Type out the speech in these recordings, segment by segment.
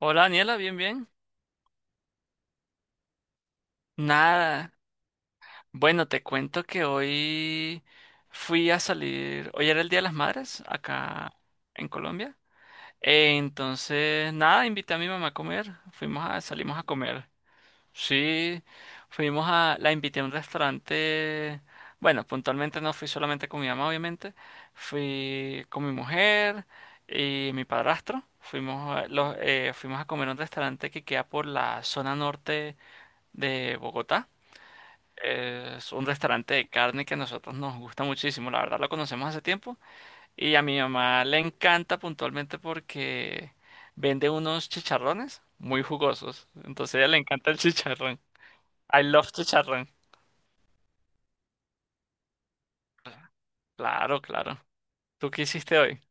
Hola Daniela, bien, bien. Nada. Bueno, te cuento que hoy fui a salir hoy era el Día de las Madres acá en Colombia. Entonces, nada, Invité a mi mamá a comer. Salimos a comer. Sí, la invité a un restaurante. Bueno, puntualmente no fui solamente con mi mamá, obviamente. Fui con mi mujer y mi padrastro. Fuimos a comer a un restaurante que queda por la zona norte de Bogotá. Es un restaurante de carne que a nosotros nos gusta muchísimo, la verdad lo conocemos hace tiempo, y a mi mamá le encanta puntualmente porque vende unos chicharrones muy jugosos, entonces a ella le encanta el chicharrón. I love chicharrón. Claro, claro. ¿Tú qué hiciste hoy?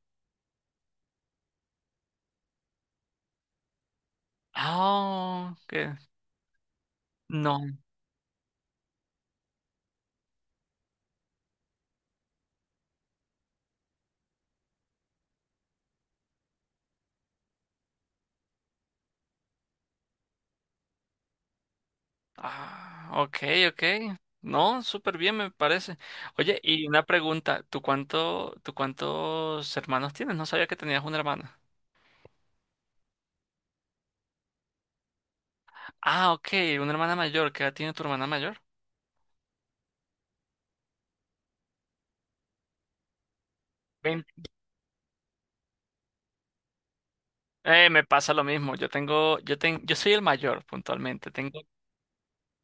Ah, qué no. Ah, ok, ok. No, súper bien me parece. Oye, y una pregunta, ¿ tú cuántos hermanos tienes? No sabía que tenías una hermana. Ah, ok, una hermana mayor. ¿Qué edad tiene tu hermana mayor? 20. Me pasa lo mismo. Yo soy el mayor puntualmente.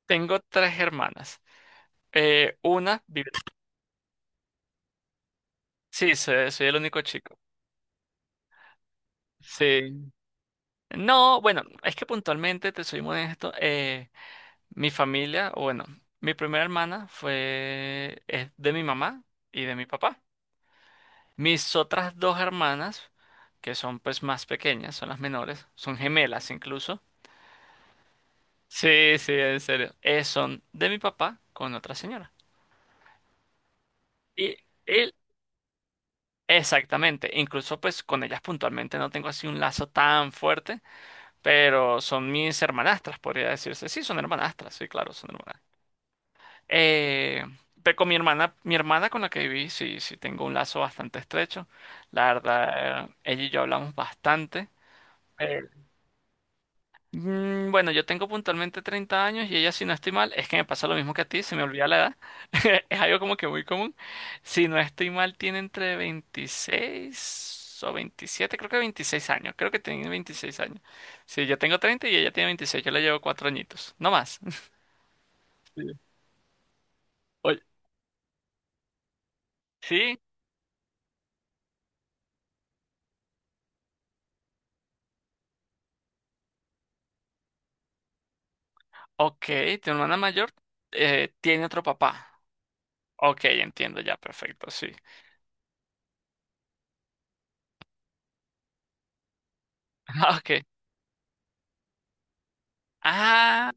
Tengo tres hermanas. Una vive. Sí, soy el único chico. Sí. No, bueno, es que puntualmente, te soy muy honesto, mi familia, o bueno, mi primera hermana fue es de mi mamá y de mi papá. Mis otras dos hermanas, que son pues más pequeñas, son las menores, son gemelas incluso. Sí, sí, en serio. Son de mi papá con otra señora. Y él, exactamente. Incluso pues con ellas puntualmente no tengo así un lazo tan fuerte, pero son mis hermanastras, podría decirse. Sí, son hermanastras, sí, claro, son hermanas. Eh, pero con mi hermana con la que viví, sí tengo un lazo bastante estrecho. La verdad, ella y yo hablamos bastante. eh, Bueno, yo tengo puntualmente 30 años y ella, si no estoy mal, es que me pasa lo mismo que a ti, se me olvida la edad. Es algo como que muy común. Si no estoy mal, tiene entre 26 o 27, creo que 26 años. Creo que tiene 26 años. Sí, yo tengo 30 y ella tiene 26. Yo le llevo cuatro añitos, no más. Sí. Oye, sí, ok, tu hermana mayor tiene otro papá. Ok, entiendo ya, perfecto, sí. Ah, ok. Ah,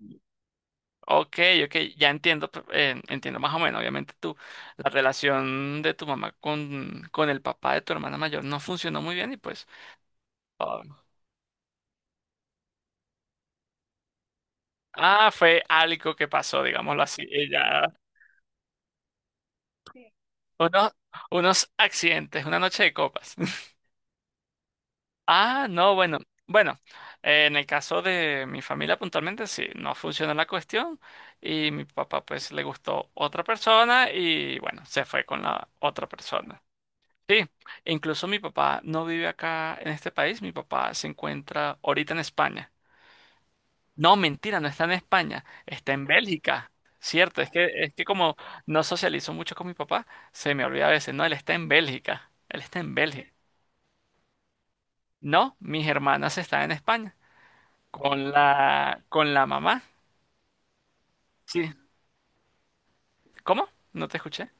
ok, ok, ya entiendo, entiendo más o menos. Obviamente tú, la relación de tu mamá con el papá de tu hermana mayor no funcionó muy bien y pues, ah, ah, fue algo que pasó, digámoslo así. Y ya, unos, unos accidentes, una noche de copas. Ah, no, bueno, bueno, en el caso de mi familia puntualmente sí, no funcionó la cuestión y mi papá pues le gustó otra persona y bueno, se fue con la otra persona. Sí, incluso mi papá no vive acá en este país, mi papá se encuentra ahorita en España. No, mentira, no está en España, está en Bélgica. Cierto, es que como no socializo mucho con mi papá, se me olvida a veces, no, él está en Bélgica. No, mis hermanas están en España, con la mamá. Sí, ¿cómo? No te escuché.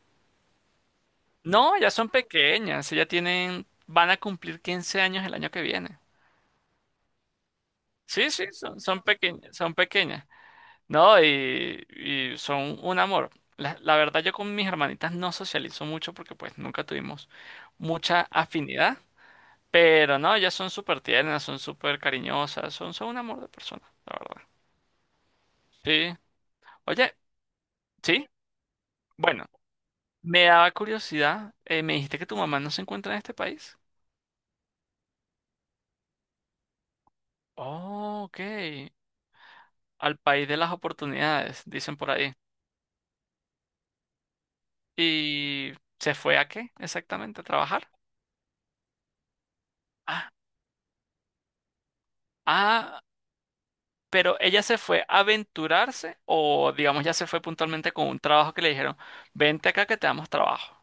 No, ya son pequeñas, ya tienen, van a cumplir 15 años el año que viene. Sí, sí, son, son pequeñas, son pequeñas. No, y son un amor. La verdad, yo con mis hermanitas no socializo mucho porque pues nunca tuvimos mucha afinidad, pero no, ellas son súper tiernas, son súper cariñosas, son un amor de persona, la verdad. Sí. Oye, sí, bueno, me daba curiosidad, me dijiste que tu mamá no se encuentra en este país. Oh, ok. Al país de las oportunidades, dicen por ahí. ¿Y se fue a qué exactamente? ¿A trabajar? Ah, ah, pero ella se fue a aventurarse o digamos ya se fue puntualmente con un trabajo que le dijeron, vente acá que te damos trabajo.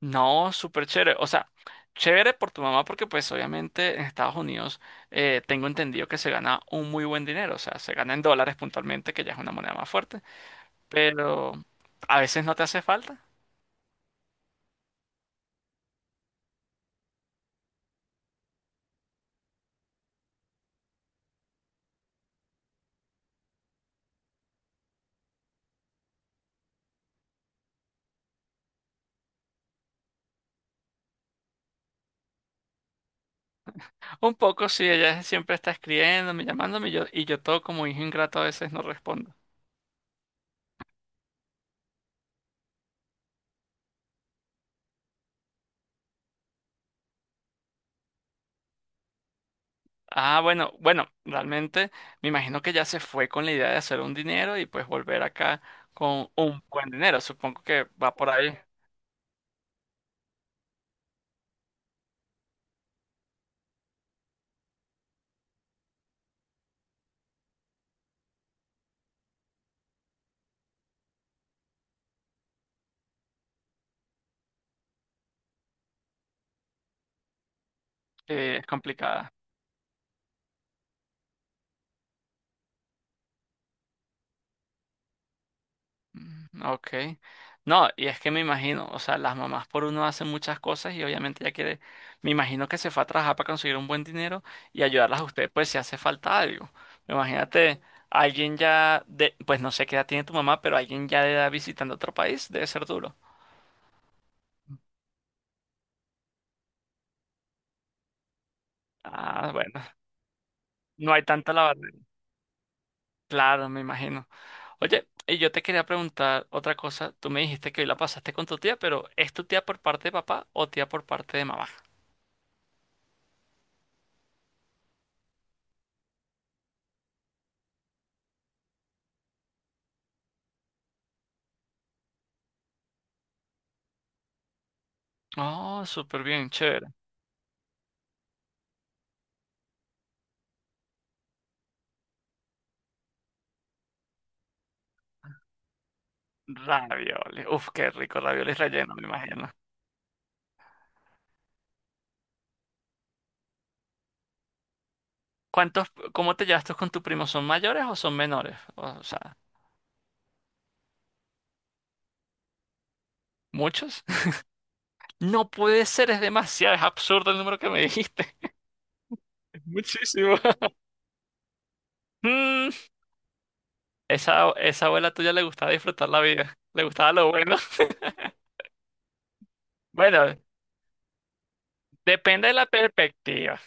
No, súper chévere. O sea, chévere por tu mamá porque pues obviamente en Estados Unidos tengo entendido que se gana un muy buen dinero. O sea, se gana en dólares puntualmente, que ya es una moneda más fuerte. Pero a veces no te hace falta. Un poco sí, ella siempre está escribiéndome, llamándome y yo todo como hijo ingrato a veces no respondo. Ah, bueno, bueno, realmente me imagino que ya se fue con la idea de hacer un dinero y pues volver acá con un buen dinero. Supongo que va por ahí. Es complicada. Ok. No, y es que me imagino, o sea, las mamás por uno hacen muchas cosas y obviamente ya quiere, me imagino que se fue a trabajar para conseguir un buen dinero y ayudarlas a ustedes, pues si hace falta algo. Imagínate, pues no sé qué edad tiene tu mamá, pero alguien ya de edad visitando otro país, debe ser duro. Ah, bueno, no hay tanta la Claro, me imagino. Oye, y yo te quería preguntar otra cosa. Tú me dijiste que hoy la pasaste con tu tía, pero ¿es tu tía por parte de papá o tía por parte de mamá? Oh, súper bien, chévere. Ravioles. Uf, qué rico, ravioles rellenos, me imagino. ¿ cómo te llevas tú con tu primo? ¿Son mayores o son menores? O sea, ¿muchos? No puede ser, es demasiado, es absurdo el número que me dijiste. Es muchísimo. Mm, esa abuela tuya le gustaba disfrutar la vida, le gustaba lo bueno. Bueno, depende de la perspectiva.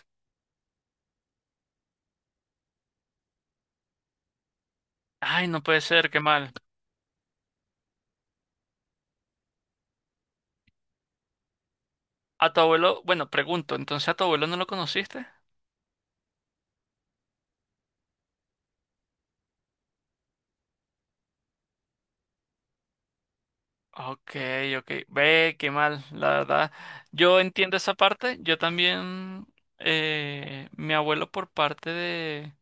Ay, no puede ser, qué mal. A tu abuelo, bueno, pregunto, ¿entonces a tu abuelo no lo conociste? Ok, ok. Ve, qué mal, la verdad. Yo entiendo esa parte. Yo también, mi abuelo por parte de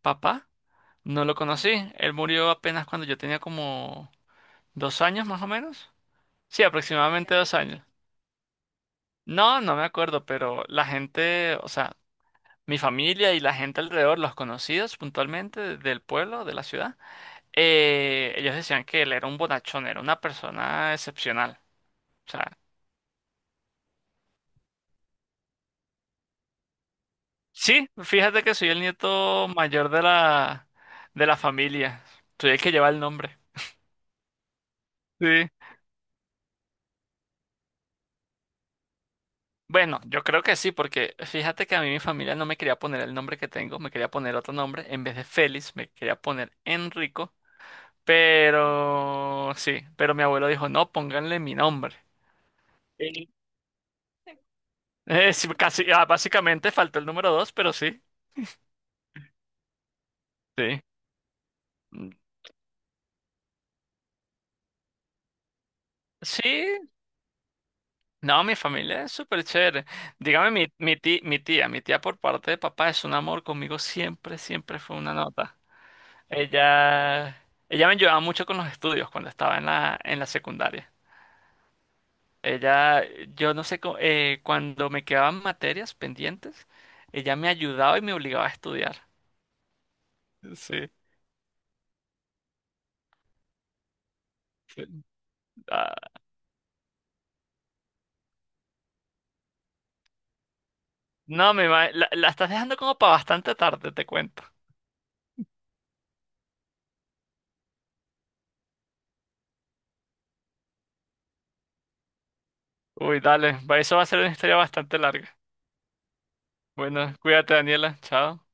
papá, no lo conocí. Él murió apenas cuando yo tenía como 2 años más o menos. Sí, aproximadamente 2 años. No, no me acuerdo, pero la gente, o sea, mi familia y la gente alrededor, los conocidos puntualmente del pueblo, de la ciudad. Eh, ellos decían que él era un bonachón, era una persona excepcional. O sea, sí, fíjate que soy el nieto mayor de la familia. Soy el que lleva el nombre. Sí. Bueno, yo creo que sí, porque fíjate que a mí mi familia no me quería poner el nombre que tengo, me quería poner otro nombre. En vez de Félix, me quería poner Enrico. Pero sí, pero mi abuelo dijo, no, pónganle mi nombre. Sí. Sí, casi, ah, básicamente faltó el número dos, pero sí. Sí. Mm, sí, no, mi familia es súper chévere. Dígame, mi tía por parte de papá es un amor conmigo, siempre, siempre fue una nota. Ella, ella me ayudaba mucho con los estudios cuando estaba en la secundaria. Ella, yo no sé, co- cuando me quedaban materias pendientes, ella me ayudaba y me obligaba a estudiar. Sí, sí. Ah, no, la, la estás dejando como para bastante tarde, te cuento. Uy, dale, eso va a ser una historia bastante larga. Bueno, cuídate, Daniela, chao.